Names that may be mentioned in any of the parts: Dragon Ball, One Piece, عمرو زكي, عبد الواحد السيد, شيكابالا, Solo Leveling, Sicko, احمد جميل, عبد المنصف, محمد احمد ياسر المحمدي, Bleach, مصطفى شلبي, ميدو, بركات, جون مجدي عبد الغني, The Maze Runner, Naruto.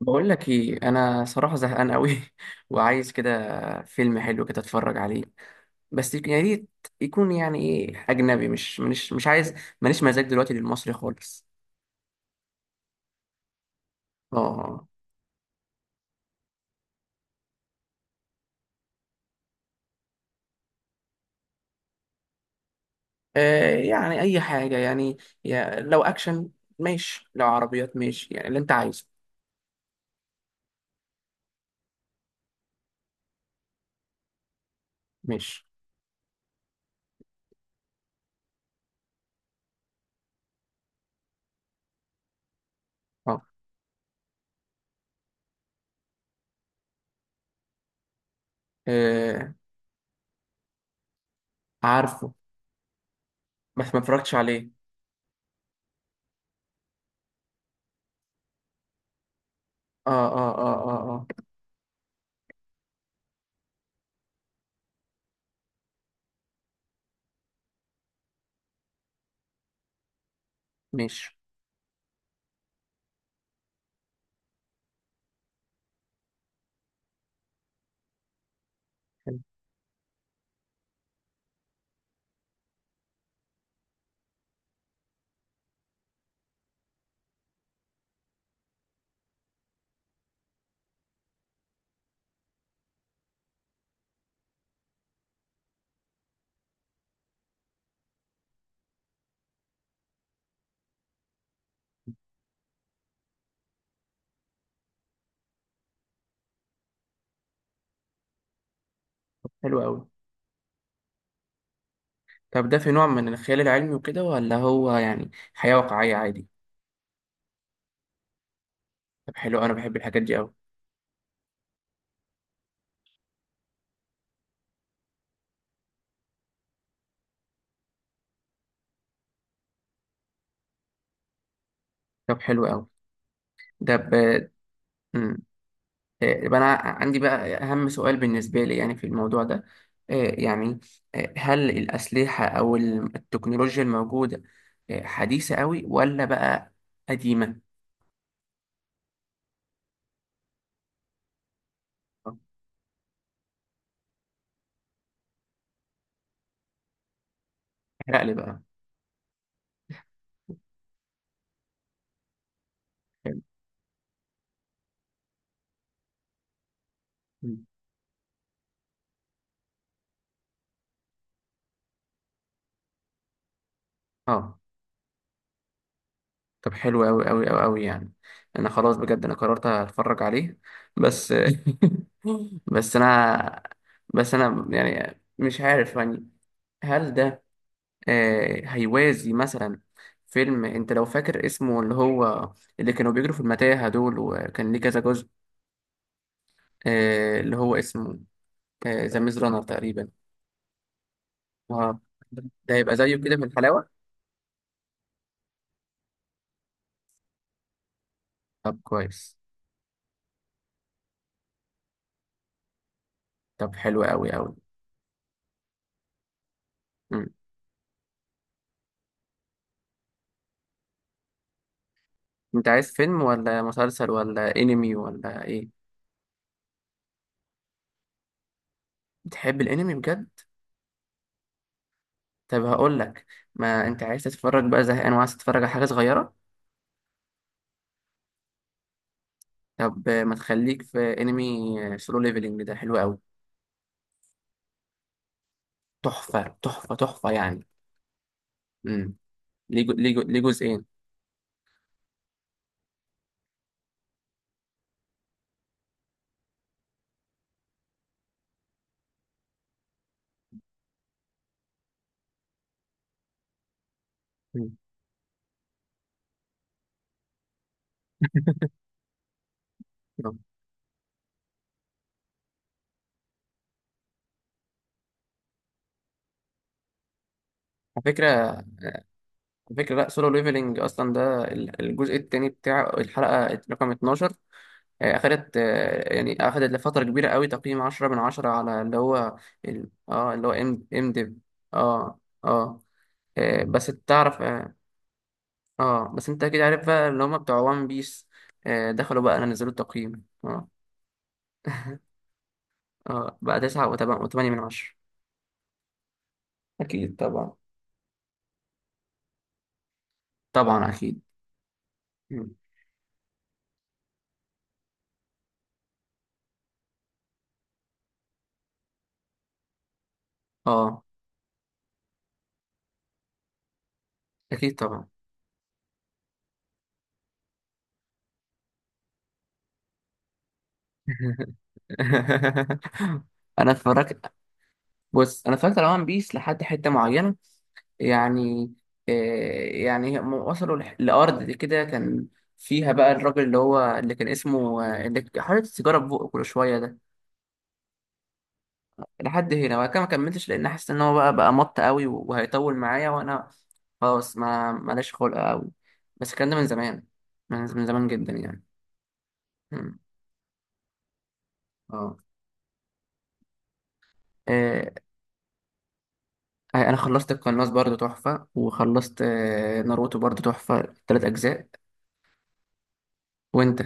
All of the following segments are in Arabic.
بقول لك ايه. انا صراحه زهقان قوي. وعايز كده فيلم حلو كده اتفرج عليه. بس يا ريت يكون، يعني، ايه، اجنبي. مش عايز. ماليش مزاج دلوقتي للمصري خالص. اه. يعني اي حاجه يعني، يا لو اكشن ماشي، لو عربيات ماشي، يعني اللي انت عايزه. ماشي. اه. آه، عارفه، بس ما اتفرجتش عليه. اه اه اه اه اه. ماشي. حلو. حلو قوي. طب ده في نوع من الخيال العلمي وكده، ولا هو يعني حياه واقعيه عادي؟ طب حلو أوي، انا بحب الحاجات دي قوي. طب حلو قوي. ده ب... مم. يبقى انا عندي بقى اهم سؤال بالنسبه لي يعني في الموضوع ده. آه، يعني هل الاسلحه او التكنولوجيا الموجوده حديثه قوي، ولا بقى قديمه؟ آه، احرق لي بقى. حلو. مم. اه. طب حلو قوي قوي قوي قوي يعني، انا خلاص بجد انا قررت اتفرج عليه. بس بس انا، بس انا يعني مش عارف يعني. هل ده هيوازي مثلا فيلم انت لو فاكر اسمه، اللي هو اللي كانوا بيجروا في المتاهة دول، وكان ليه كذا جزء، اللي هو اسمه ذا ميز رانر تقريبا. اه. ده هيبقى زيه كده من الحلاوة؟ طب كويس. طب حلو قوي قوي. مم. انت عايز فيلم ولا مسلسل ولا انمي ولا ايه؟ بتحب الانمي بجد؟ طب هقول لك، ما انت عايز تتفرج بقى، زهقان وعايز تتفرج على حاجة صغيرة. طب ما تخليك في انمي سولو ليفلنج، ده حلو قوي. تحفة تحفة تحفة يعني. امم. ليه جزئين؟ مم. يلا. على فكرة، لا سولو ليفلنج أصلا ده الجزء التاني بتاع الحلقة رقم 12. آه، أخدت، أخدت لفترة كبيرة قوي تقييم 10 من 10 على اللي هو ال... اه اللي هو ام ام ديف. اه. اه. بس تعرف. اه. بس انت اكيد عارف بقى، اللي هما بتوع وان بيس دخلوا بقى أنا نزلوا التقييم. اه. اه بقى 9 و8 من 10. اكيد طبعا. طبعا اكيد. مم. اه. اكيد طبعا. انا اتفرجت بص انا اتفرجت على وان بيس لحد حته معينه يعني. آه، هم وصلوا لارض كده كان فيها بقى الراجل اللي هو اللي كان اسمه، اللي حاطط السيجاره في بقه كل شويه ده، لحد هنا وبعد كده ما كملتش، لان حاسس ان هو بقى مط قوي وهيطول معايا، وانا خلاص ما ماليش خلق قوي. بس الكلام ده من زمان، من زمان جدا يعني. مم. اه. انا خلصت القناص برضو تحفة، وخلصت ناروتو برضو تحفة تلات اجزاء. وانت؟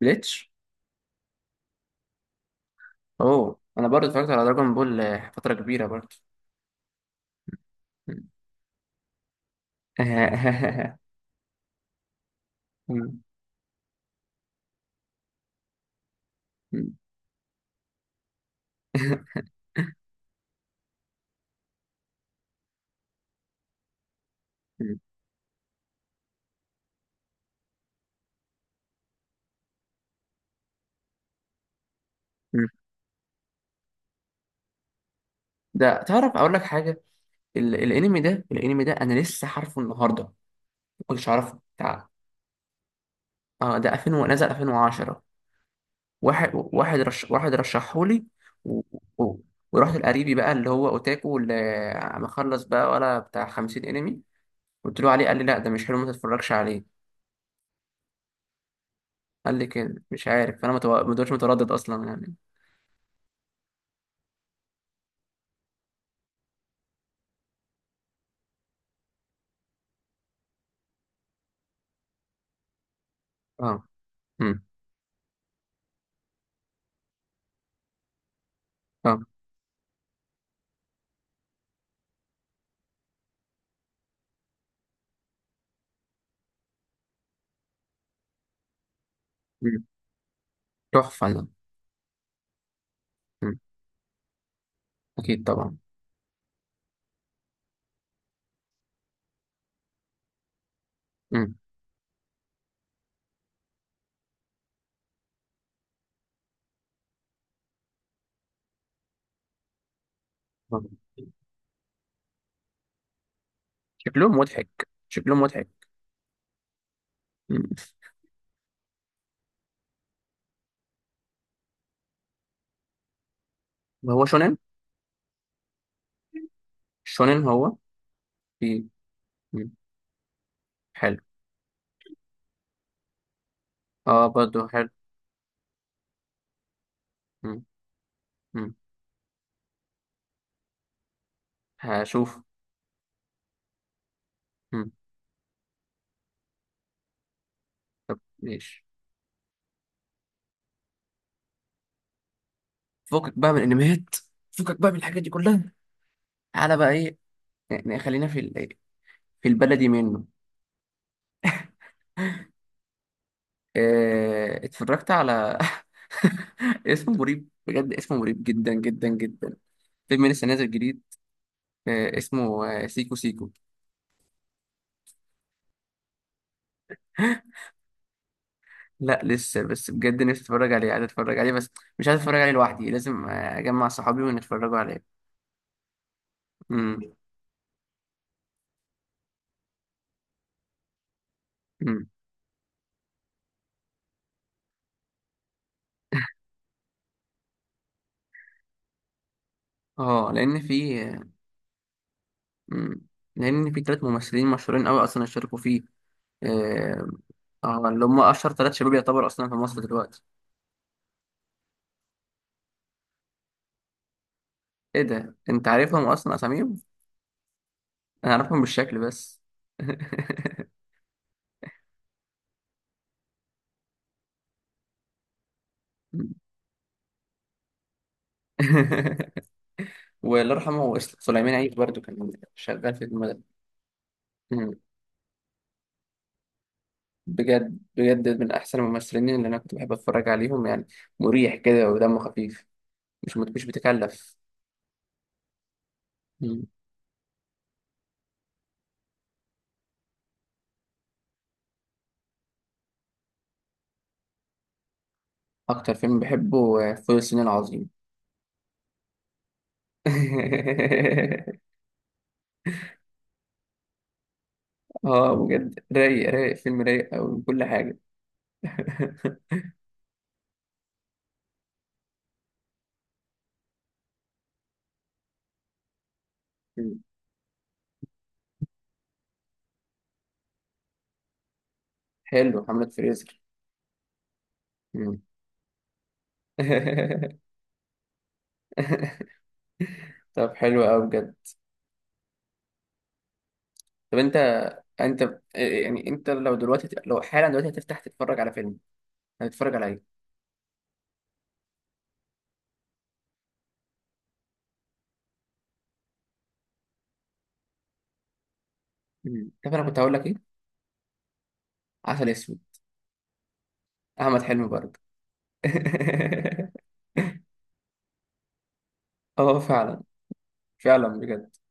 بليتش. اوه، انا برضو اتفرجت على دراجون بول فترة كبيرة برضو. ده تعرف اقول لك حاجة. الانمي ده انا لسه عارفه النهاردة، ما كنتش اعرفه. تعال. اه، ده 2000 نزل 2010. واحد رشحهولي. و... و... ورحت لقريبي بقى اللي هو اوتاكو، اللي مخلص بقى ولا بتاع 50 انمي. قلت له عليه، قال لي لا ده مش حلو، ما تتفرجش عليه. قال لي كده مش عارف، فانا ما دوتش متردد اصلا يعني. اه. امم. اه. امم. تحفه ده. امم. اكيد طبعا. امم. طبعاً. شكلهم مضحك، شكلهم مضحك. مم. هو شونين. شونين هو. في. مم. حلو. اه برضه حلو. مم. مم. هشوف. مم. ماشي. فكك بقى من الانميات، فكك بقى من الحاجات دي كلها. تعالى بقى ايه. يعني خلينا في في البلدي منه. آه، اتفرجت على اسمه مريب، بجد اسمه مريب جدا جدا جدا، فيلم لسه نازل جديد، اسمه سيكو سيكو. لا لسه، بس بجد نفسي اتفرج عليه، عايز اتفرج عليه بس مش عايز اتفرج عليه لوحدي، لازم اجمع صحابي ونتفرجوا عليه. امم. امم. اه لان في امم لان في ثلاث ممثلين مشهورين قوي اصلا اشتركوا فيه. اه. اللي هم اشهر ثلاث شباب يعتبر اصلا في مصر دلوقتي. ايه ده، انت عارفهم اصلا اساميهم؟ انا اعرفهم بالشكل بس. والله يرحمه، سليمان عيد برضو كان شغال في المدرسة. مم. بجد بجد من احسن الممثلين اللي انا كنت بحب اتفرج عليهم يعني. مريح كده ودمه خفيف، مش بتكلف. مم. اكتر فيلم بحبه فول الصين العظيم. اه بجد، رايق أوي من كل حاجة. مم. حلو حملة فريزر. مم. طب حلو أوي بجد. طب انت لو حالا دلوقتي هتفتح تتفرج على فيلم، هتتفرج على ايه؟ مم. طب انا كنت هقول لك ايه؟ عسل اسود. احمد حلمي برضه. اه فعلا. فعلا بجد.